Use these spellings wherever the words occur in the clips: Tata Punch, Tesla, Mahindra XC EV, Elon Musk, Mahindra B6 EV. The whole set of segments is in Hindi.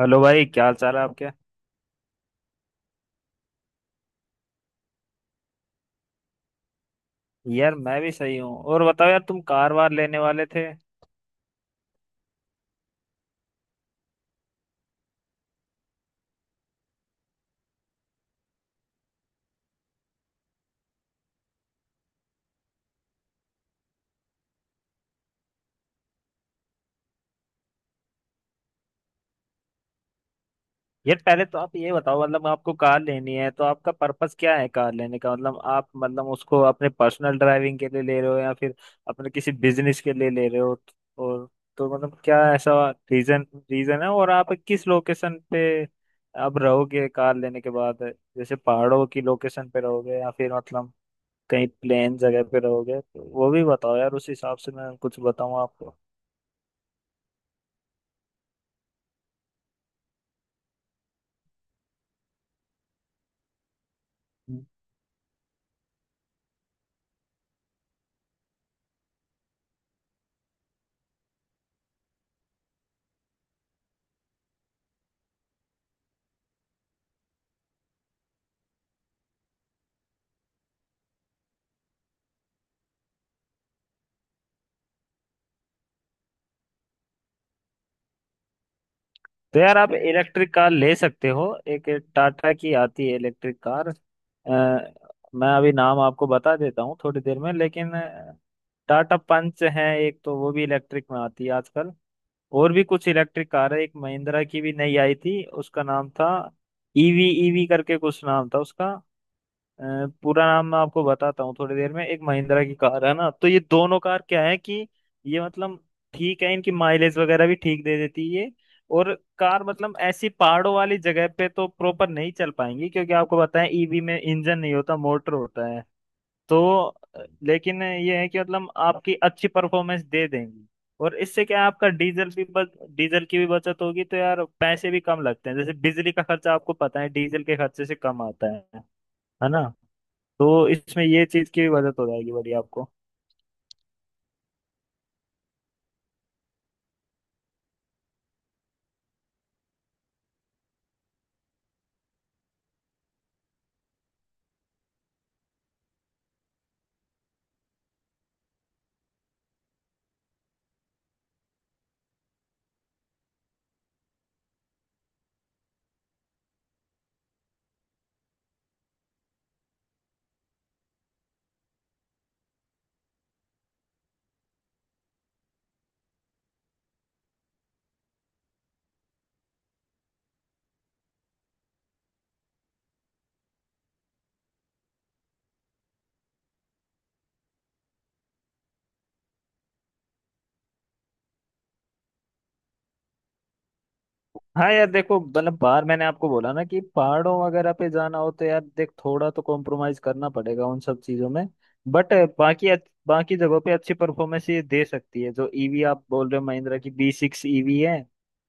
हेलो भाई क्या हाल चाल है आपके। यार मैं भी सही हूँ। और बताओ यार तुम कार वार लेने वाले थे। यार पहले तो आप ये बताओ, मतलब आपको कार लेनी है तो आपका पर्पस क्या है कार लेने का। मतलब आप मतलब उसको अपने पर्सनल ड्राइविंग के लिए ले रहे हो या फिर अपने किसी बिजनेस के लिए ले रहे हो। और तो मतलब क्या ऐसा रीजन रीजन है। और आप किस लोकेशन पे आप रहोगे कार लेने के बाद। जैसे पहाड़ों की लोकेशन पे रहोगे या फिर मतलब कहीं प्लेन जगह पे रहोगे, तो वो भी बताओ यार, उस हिसाब से मैं कुछ बताऊँ आपको। तो यार आप इलेक्ट्रिक कार ले सकते हो। एक टाटा की आती है इलेक्ट्रिक कार, मैं अभी नाम आपको बता देता हूँ थोड़ी देर में। लेकिन टाटा पंच है एक तो, वो भी इलेक्ट्रिक में आती है आजकल। और भी कुछ इलेक्ट्रिक कार है, एक महिंद्रा की भी नई आई थी, उसका नाम था ईवी ईवी करके कुछ नाम था उसका। अ, पूरा नाम मैं आपको बताता हूँ थोड़ी देर में। एक महिंद्रा की कार है ना, तो ये दोनों कार क्या है कि ये मतलब ठीक है, इनकी माइलेज वगैरह भी ठीक दे देती है ये। और कार मतलब ऐसी पहाड़ों वाली जगह पे तो प्रॉपर नहीं चल पाएंगी, क्योंकि आपको बताएं, ईवी में इंजन नहीं होता मोटर होता है। तो लेकिन ये है कि मतलब आपकी अच्छी परफॉर्मेंस दे देंगी। और इससे क्या है, आपका डीजल भी बच, डीजल की भी बचत होगी, तो यार पैसे भी कम लगते हैं। जैसे बिजली का खर्चा आपको पता है डीजल के खर्चे से कम आता है ना। तो इसमें ये चीज की मदद हो जाएगी बढ़िया आपको। हाँ यार देखो, मतलब बाहर मैंने आपको बोला ना कि पहाड़ों वगैरह पे जाना हो तो यार देख, थोड़ा तो कॉम्प्रोमाइज करना पड़ेगा उन सब चीजों में। बट बाकी बाकी जगहों पे अच्छी परफॉर्मेंस ये दे सकती है। जो ईवी आप बोल रहे हो, महिंद्रा की बी सिक्स ईवी है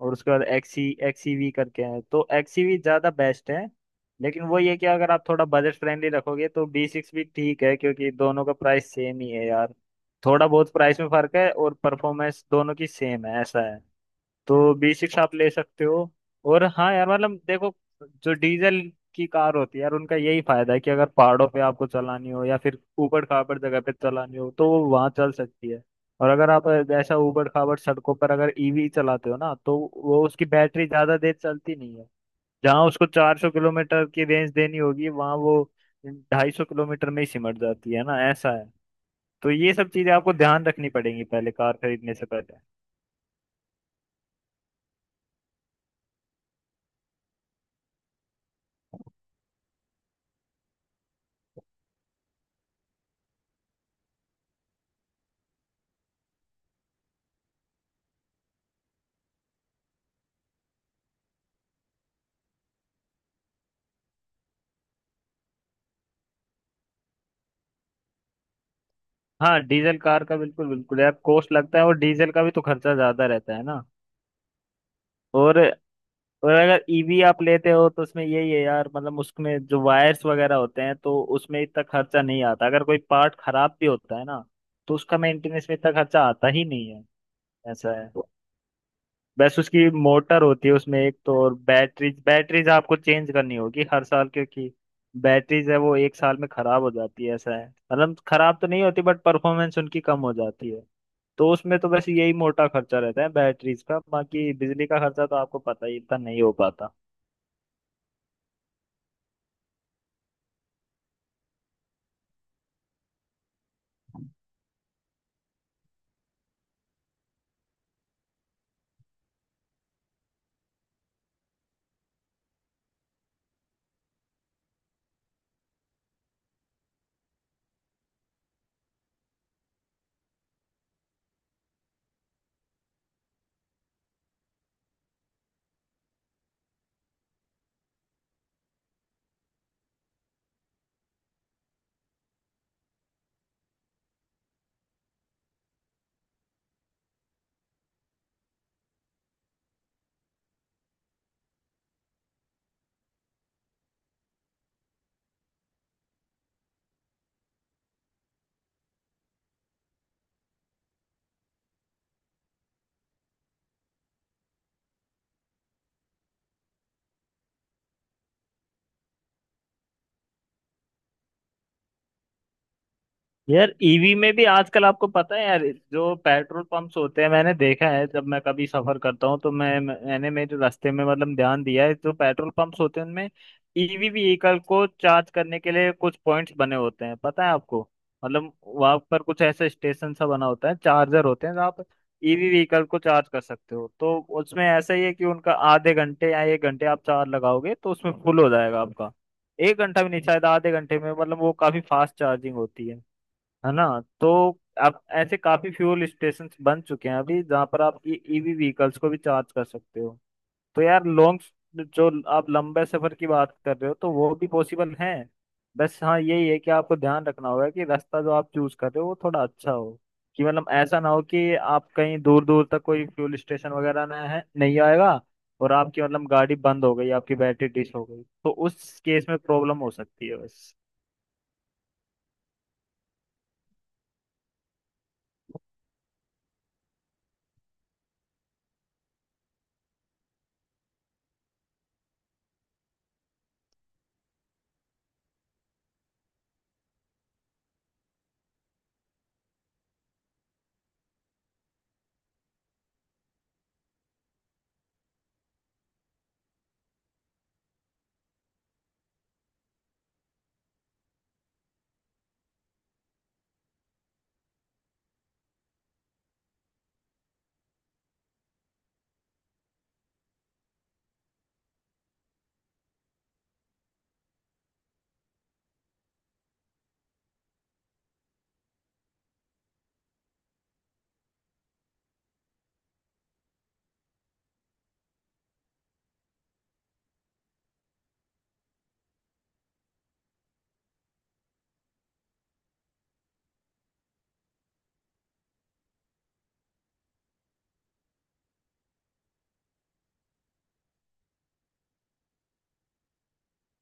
और उसके बाद एक्सीवी करके है, तो एक्सीवी ज्यादा बेस्ट है। लेकिन वो ये कि अगर आप थोड़ा बजट फ्रेंडली रखोगे तो बी सिक्स भी ठीक है, क्योंकि दोनों का प्राइस सेम ही है यार। थोड़ा बहुत प्राइस में फर्क है और परफॉर्मेंस दोनों की सेम है, ऐसा है। तो बेसिक्स आप ले सकते हो। और हाँ यार मतलब देखो, जो डीजल की कार होती है यार, उनका यही फायदा है कि अगर पहाड़ों पे आपको चलानी हो या फिर ऊबड़ खाबड़ जगह पे चलानी हो तो वो वहां चल सकती है। और अगर आप ऐसा ऊबड़ खाबड़ सड़कों पर अगर ईवी चलाते हो ना, तो वो उसकी बैटरी ज्यादा देर चलती नहीं है। जहाँ उसको 400 किलोमीटर की रेंज देनी होगी, वहां वो 250 किलोमीटर में ही सिमट जाती है ना, ऐसा है। तो ये सब चीजें आपको ध्यान रखनी पड़ेंगी पहले कार खरीदने से पहले। हाँ डीजल कार का बिल्कुल बिल्कुल यार कॉस्ट लगता है और डीजल का भी तो खर्चा ज्यादा रहता है ना। और और अगर ईवी आप लेते हो तो उसमें यही है यार, मतलब उसमें जो वायर्स वगैरह होते हैं तो उसमें इतना खर्चा नहीं आता, अगर कोई पार्ट खराब भी होता है ना तो उसका मेंटेनेंस में इतना खर्चा आता ही नहीं है, ऐसा है। बस उसकी मोटर होती है उसमें एक तो, और बैटरीज बैटरीज आपको चेंज करनी होगी हर साल, क्योंकि बैटरीज है वो एक साल में खराब हो जाती है, ऐसा है। मतलब खराब तो नहीं होती बट परफॉर्मेंस उनकी कम हो जाती है। तो उसमें तो बस यही मोटा खर्चा रहता है बैटरीज का, बाकी बिजली का खर्चा तो आपको पता ही इतना नहीं हो पाता। यार ईवी में भी आजकल आपको पता है यार, जो पेट्रोल पंप्स होते हैं मैंने देखा है, जब मैं कभी सफर करता हूँ तो मैं, मैंने मेरे रास्ते में मतलब ध्यान दिया है, जो पेट्रोल पंप्स होते हैं उनमें ईवी व्हीकल को चार्ज करने के लिए कुछ पॉइंट्स बने होते हैं, पता है आपको। मतलब वहां पर कुछ ऐसा स्टेशन सा बना होता है, चार्जर होते हैं जहाँ आप ईवी व्हीकल को चार्ज कर सकते हो। तो उसमें ऐसा ही है कि उनका आधे घंटे या एक घंटे आप चार्ज लगाओगे तो उसमें फुल हो जाएगा आपका। एक घंटा भी नहीं शायद, आधे घंटे में मतलब, वो काफी फास्ट चार्जिंग होती है ना। तो अब ऐसे काफी फ्यूल स्टेशन बन चुके हैं अभी, जहाँ पर आप ईवी व्हीकल्स को भी चार्ज कर सकते हो। तो यार लॉन्ग, जो आप लंबे सफर की बात कर रहे हो, तो वो भी पॉसिबल है। बस हाँ यही है कि आपको ध्यान रखना होगा कि रास्ता जो आप चूज कर रहे हो वो थोड़ा अच्छा हो, कि मतलब ऐसा ना हो कि आप कहीं दूर दूर तक कोई फ्यूल स्टेशन वगैरह ना है, नहीं आएगा। और आपकी मतलब गाड़ी बंद हो गई, आपकी बैटरी डिस हो गई, तो उस केस में प्रॉब्लम हो सकती है बस।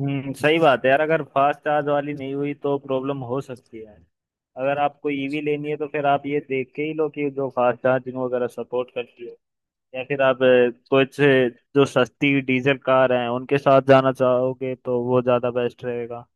सही बात है यार, अगर फास्ट चार्ज वाली नहीं हुई तो प्रॉब्लम हो सकती है। अगर आपको ईवी लेनी है तो फिर आप ये देख के ही लो कि जो फास्ट चार्जिंग वगैरह सपोर्ट करती है। या फिर आप कुछ जो सस्ती डीजल कार हैं उनके साथ जाना चाहोगे तो वो ज़्यादा बेस्ट रहेगा।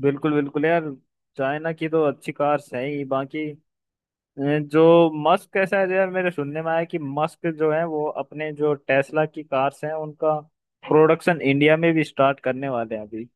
बिल्कुल बिल्कुल यार, चाइना की तो अच्छी कार्स हैं ही। बाकी जो मस्क कैसा है यार, मेरे सुनने में आया कि मस्क जो है वो अपने जो टेस्ला की कार्स हैं उनका प्रोडक्शन इंडिया में भी स्टार्ट करने वाले हैं अभी।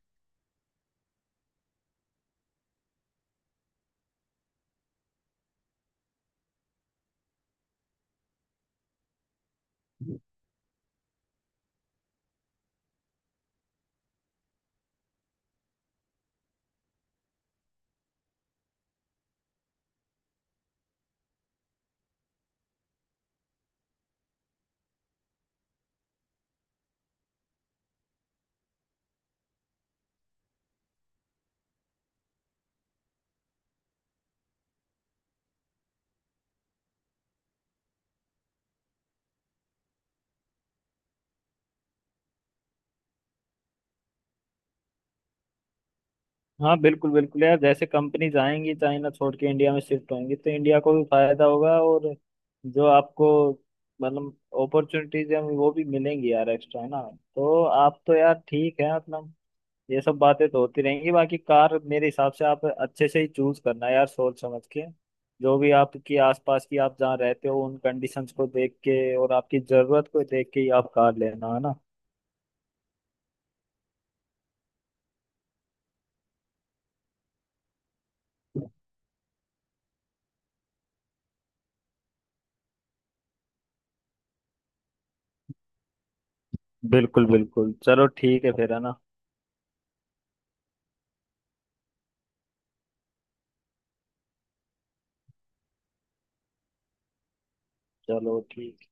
हाँ बिल्कुल बिल्कुल यार, जैसे कंपनीज आएंगी चाइना छोड़ के इंडिया में शिफ्ट होंगी तो इंडिया को भी फायदा होगा। और जो आपको मतलब अपॉर्चुनिटीज हैं वो भी मिलेंगी यार एक्स्ट्रा, है ना। तो आप तो यार ठीक है मतलब, ये सब बातें तो होती रहेंगी। बाकी कार मेरे हिसाब से आप अच्छे से ही चूज करना यार, सोच समझ के। जो भी आपकी आसपास की आप जहाँ रहते हो उन कंडीशंस को देख के और आपकी जरूरत को देख के ही आप कार लेना, है ना। बिल्कुल बिल्कुल चलो ठीक है फिर, है ना। चलो ठीक।